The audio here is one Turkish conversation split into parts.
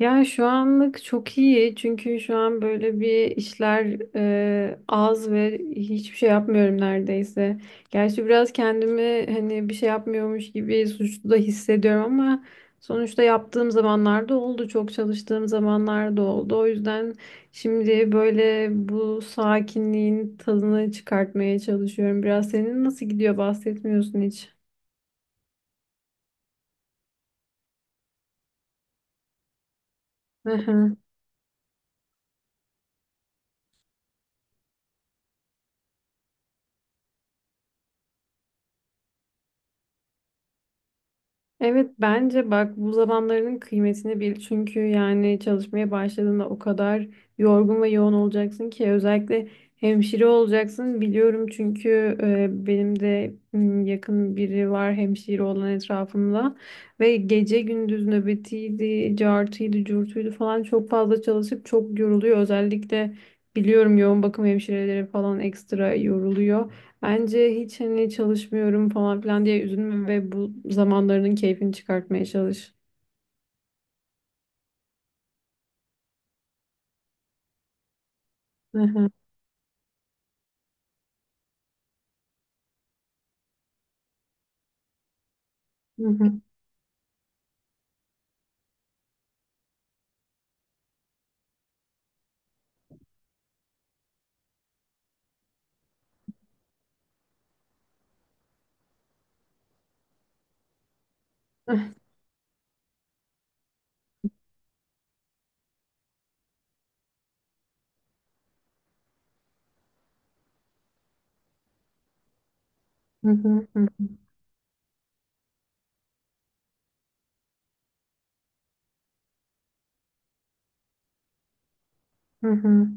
Ya şu anlık çok iyi çünkü şu an böyle bir işler az ve hiçbir şey yapmıyorum neredeyse. Gerçi biraz kendimi hani bir şey yapmıyormuş gibi suçlu da hissediyorum ama sonuçta yaptığım zamanlarda oldu, çok çalıştığım zamanlarda oldu. O yüzden şimdi böyle bu sakinliğin tadını çıkartmaya çalışıyorum. Biraz senin nasıl gidiyor bahsetmiyorsun hiç. Evet bence bak, bu zamanlarının kıymetini bil. Çünkü yani çalışmaya başladığında o kadar yorgun ve yoğun olacaksın ki, özellikle hemşire olacaksın biliyorum, çünkü benim de yakın biri var hemşire olan etrafımda ve gece gündüz nöbetiydi, cartıydı, curtuydu falan, çok fazla çalışıp çok yoruluyor. Özellikle biliyorum yoğun bakım hemşireleri falan ekstra yoruluyor. Bence hiç hani çalışmıyorum falan filan diye üzülme ve bu zamanlarının keyfini çıkartmaya çalış. Hı hı, hı hı, hı hı, hı hı, hı hı.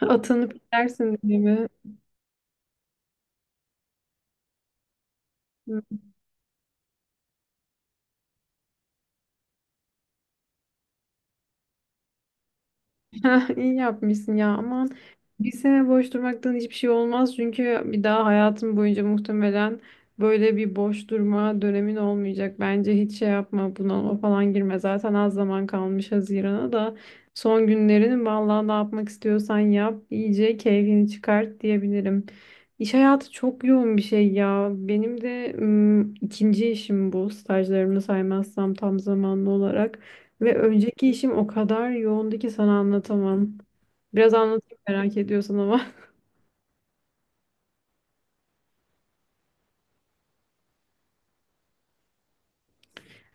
Atını bilersin değil mi? Ha, İyi yapmışsın ya, aman, bir sene boş durmaktan hiçbir şey olmaz, çünkü bir daha hayatım boyunca muhtemelen böyle bir boş durma dönemin olmayacak. Bence hiç şey yapma, bunalıma falan girme, zaten az zaman kalmış Haziran'a da. Son günlerini vallahi ne yapmak istiyorsan yap, iyice keyfini çıkart diyebilirim. İş hayatı çok yoğun bir şey ya, benim de ikinci işim bu, stajlarımı saymazsam tam zamanlı olarak. Ve önceki işim o kadar yoğundu ki sana anlatamam. Biraz anlatayım merak ediyorsan ama.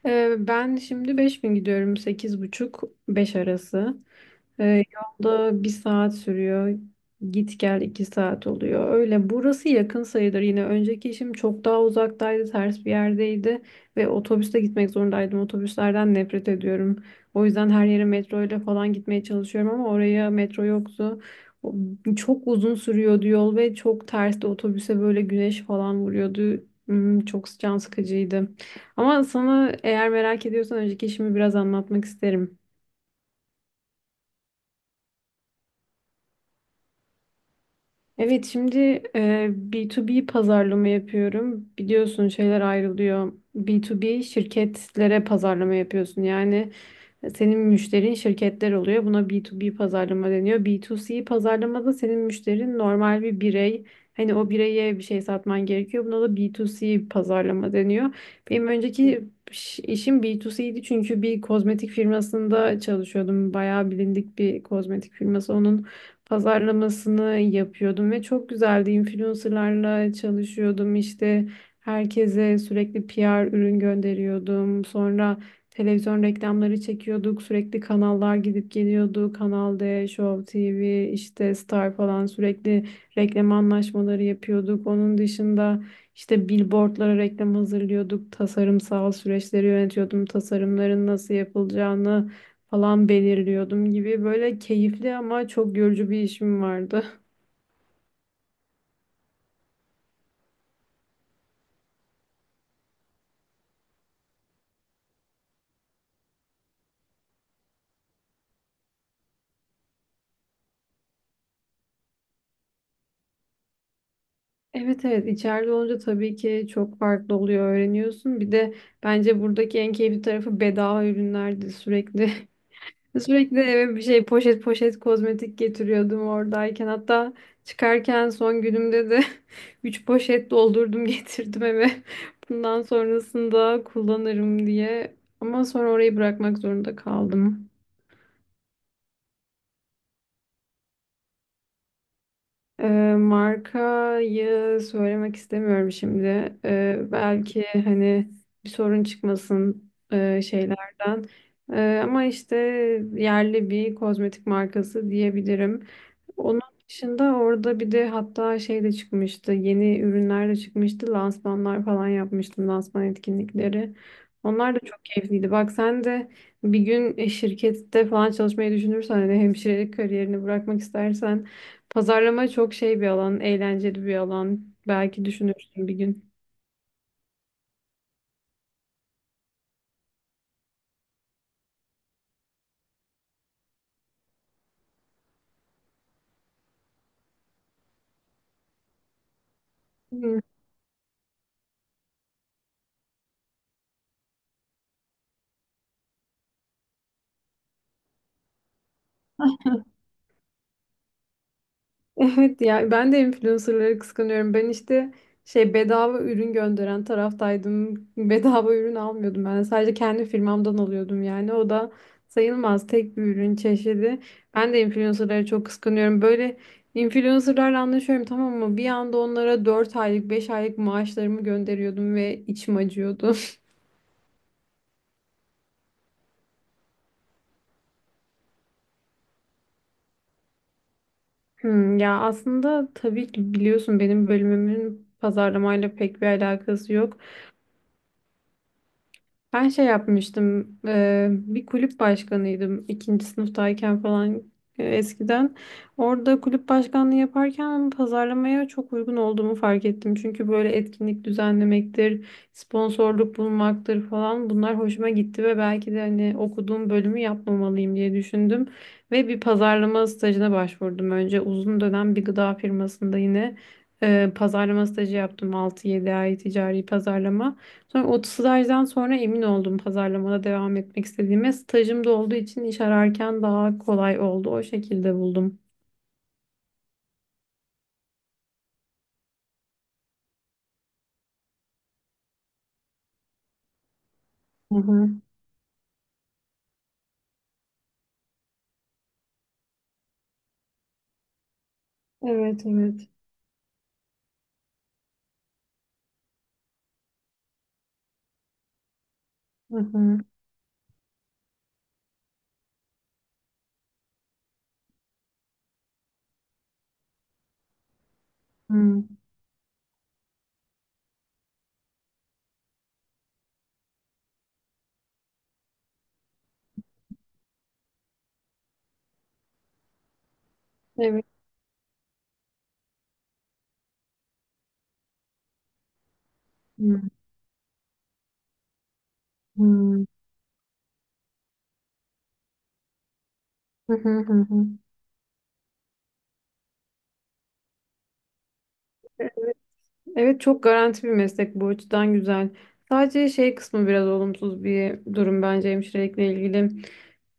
Ben şimdi 5.000 gidiyorum. Sekiz buçuk beş arası. Ee, Yolda bir saat sürüyor. Git gel 2 saat oluyor. Öyle, burası yakın sayılır yine. Önceki işim çok daha uzaktaydı, ters bir yerdeydi ve otobüste gitmek zorundaydım. Otobüslerden nefret ediyorum. O yüzden her yere metro ile falan gitmeye çalışıyorum ama oraya metro yoktu. O- Çok uzun sürüyordu yol ve çok tersti. Otobüse böyle güneş falan vuruyordu. Çok can sıkıcıydı. Ama sana eğer merak ediyorsan önceki işimi biraz anlatmak isterim. Evet, şimdi B2B pazarlama yapıyorum. Biliyorsun şeyler ayrılıyor. B2B, şirketlere pazarlama yapıyorsun. Yani senin müşterin şirketler oluyor. Buna B2B pazarlama deniyor. B2C pazarlamada senin müşterin normal bir birey. Hani o bireye bir şey satman gerekiyor. Buna da B2C pazarlama deniyor. Benim önceki işim B2C'ydi, çünkü bir kozmetik firmasında çalışıyordum. Bayağı bilindik bir kozmetik firması. Onun pazarlamasını yapıyordum ve çok güzeldi. Influencerlarla çalışıyordum. İşte herkese sürekli PR ürün gönderiyordum. Sonra televizyon reklamları çekiyorduk. Sürekli kanallar gidip geliyordu. Kanal D, Show TV, işte Star falan, sürekli reklam anlaşmaları yapıyorduk. Onun dışında işte billboardlara reklam hazırlıyorduk. Tasarımsal süreçleri yönetiyordum. Tasarımların nasıl yapılacağını falan belirliyordum gibi, böyle keyifli ama çok yorucu bir işim vardı. Evet, evet, içeride olunca tabii ki çok farklı oluyor, öğreniyorsun. Bir de bence buradaki en keyifli tarafı bedava ürünlerdi. Sürekli sürekli eve bir şey poşet poşet kozmetik getiriyordum oradayken. Hatta çıkarken son günümde de 3 poşet doldurdum, getirdim eve. Bundan sonrasında kullanırım diye. Ama sonra orayı bırakmak zorunda kaldım. Markayı söylemek istemiyorum şimdi. Belki hani bir sorun çıkmasın şeylerden. Ama işte yerli bir kozmetik markası diyebilirim. Onun dışında orada bir de hatta şey de çıkmıştı. Yeni ürünler de çıkmıştı. Lansmanlar falan yapmıştım. Lansman etkinlikleri. Onlar da çok keyifliydi. Bak, sen de bir gün şirkette falan çalışmayı düşünürsen, hani hemşirelik kariyerini bırakmak istersen, pazarlama çok şey bir alan, eğlenceli bir alan. Belki düşünürsün bir gün. Hı. Evet ya, ben de influencerları kıskanıyorum. Ben işte şey, bedava ürün gönderen taraftaydım. Bedava ürün almıyordum ben. Sadece kendi firmamdan alıyordum yani. O da sayılmaz, tek bir ürün çeşidi. Ben de influencerları çok kıskanıyorum. Böyle influencerlarla anlaşıyorum, tamam mı? Bir anda onlara 4 aylık, 5 aylık maaşlarımı gönderiyordum ve içim acıyordu. Ya aslında tabii ki biliyorsun, benim bölümümün pazarlamayla pek bir alakası yok. Ben şey yapmıştım, bir kulüp başkanıydım ikinci sınıftayken falan, eskiden. Orada kulüp başkanlığı yaparken pazarlamaya çok uygun olduğumu fark ettim. Çünkü böyle etkinlik düzenlemektir, sponsorluk bulmaktır falan, bunlar hoşuma gitti ve belki de hani okuduğum bölümü yapmamalıyım diye düşündüm. Ve bir pazarlama stajına başvurdum önce. Uzun dönem bir gıda firmasında yine pazarlama stajı yaptım, 6-7 ay ticari pazarlama. Sonra o stajdan sonra emin oldum pazarlamada devam etmek istediğime. Stajım da olduğu için iş ararken daha kolay oldu. O şekilde buldum. Hı hı. Evet, evet. Hı hı. Hı. Evet. Hı hı. Hı hı hı. Hı. Evet, çok garanti bir meslek, bu açıdan güzel. Sadece şey kısmı biraz olumsuz bir durum bence hemşirelikle ilgili.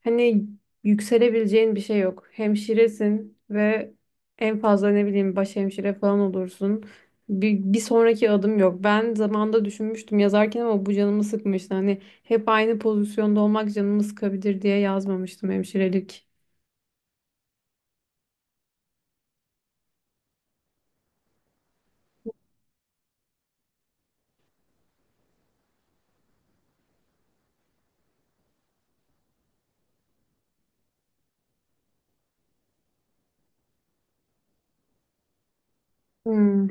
Hani yükselebileceğin bir şey yok. Hemşiresin ve en fazla ne bileyim, baş hemşire falan olursun. Bir sonraki adım yok. Ben zamanda düşünmüştüm yazarken ama bu canımı sıkmıştı. Hani hep aynı pozisyonda olmak canımı sıkabilir diye yazmamıştım hemşirelik. Hmm,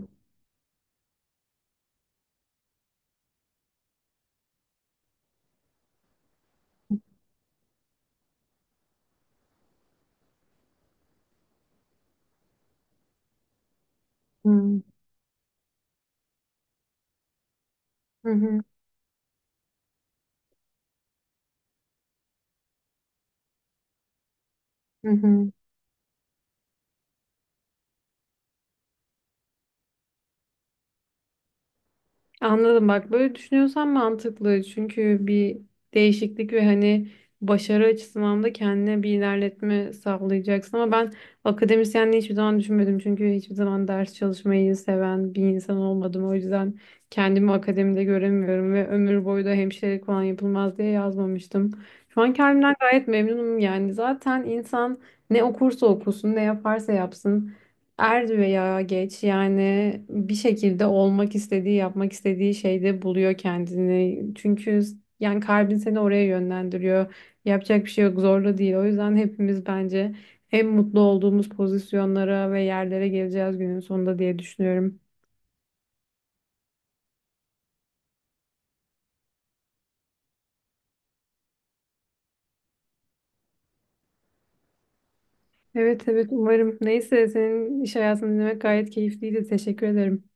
hmm, hı hı, hı hı. Anladım, bak böyle düşünüyorsan mantıklı, çünkü bir değişiklik ve hani başarı açısından da kendine bir ilerletme sağlayacaksın, ama ben akademisyenliği hiçbir zaman düşünmedim, çünkü hiçbir zaman ders çalışmayı seven bir insan olmadım. O yüzden kendimi akademide göremiyorum ve ömür boyu da hemşirelik falan yapılmaz diye yazmamıştım. Şu an kendimden gayet memnunum, yani zaten insan ne okursa okusun, ne yaparsa yapsın, er veya geç yani bir şekilde olmak istediği, yapmak istediği şeyde buluyor kendini. Çünkü yani kalbin seni oraya yönlendiriyor. Yapacak bir şey yok, zorla değil. O yüzden hepimiz bence en mutlu olduğumuz pozisyonlara ve yerlere geleceğiz günün sonunda diye düşünüyorum. Evet, evet, umarım. Neyse, senin iş hayatını dinlemek gayet keyifliydi. Teşekkür ederim.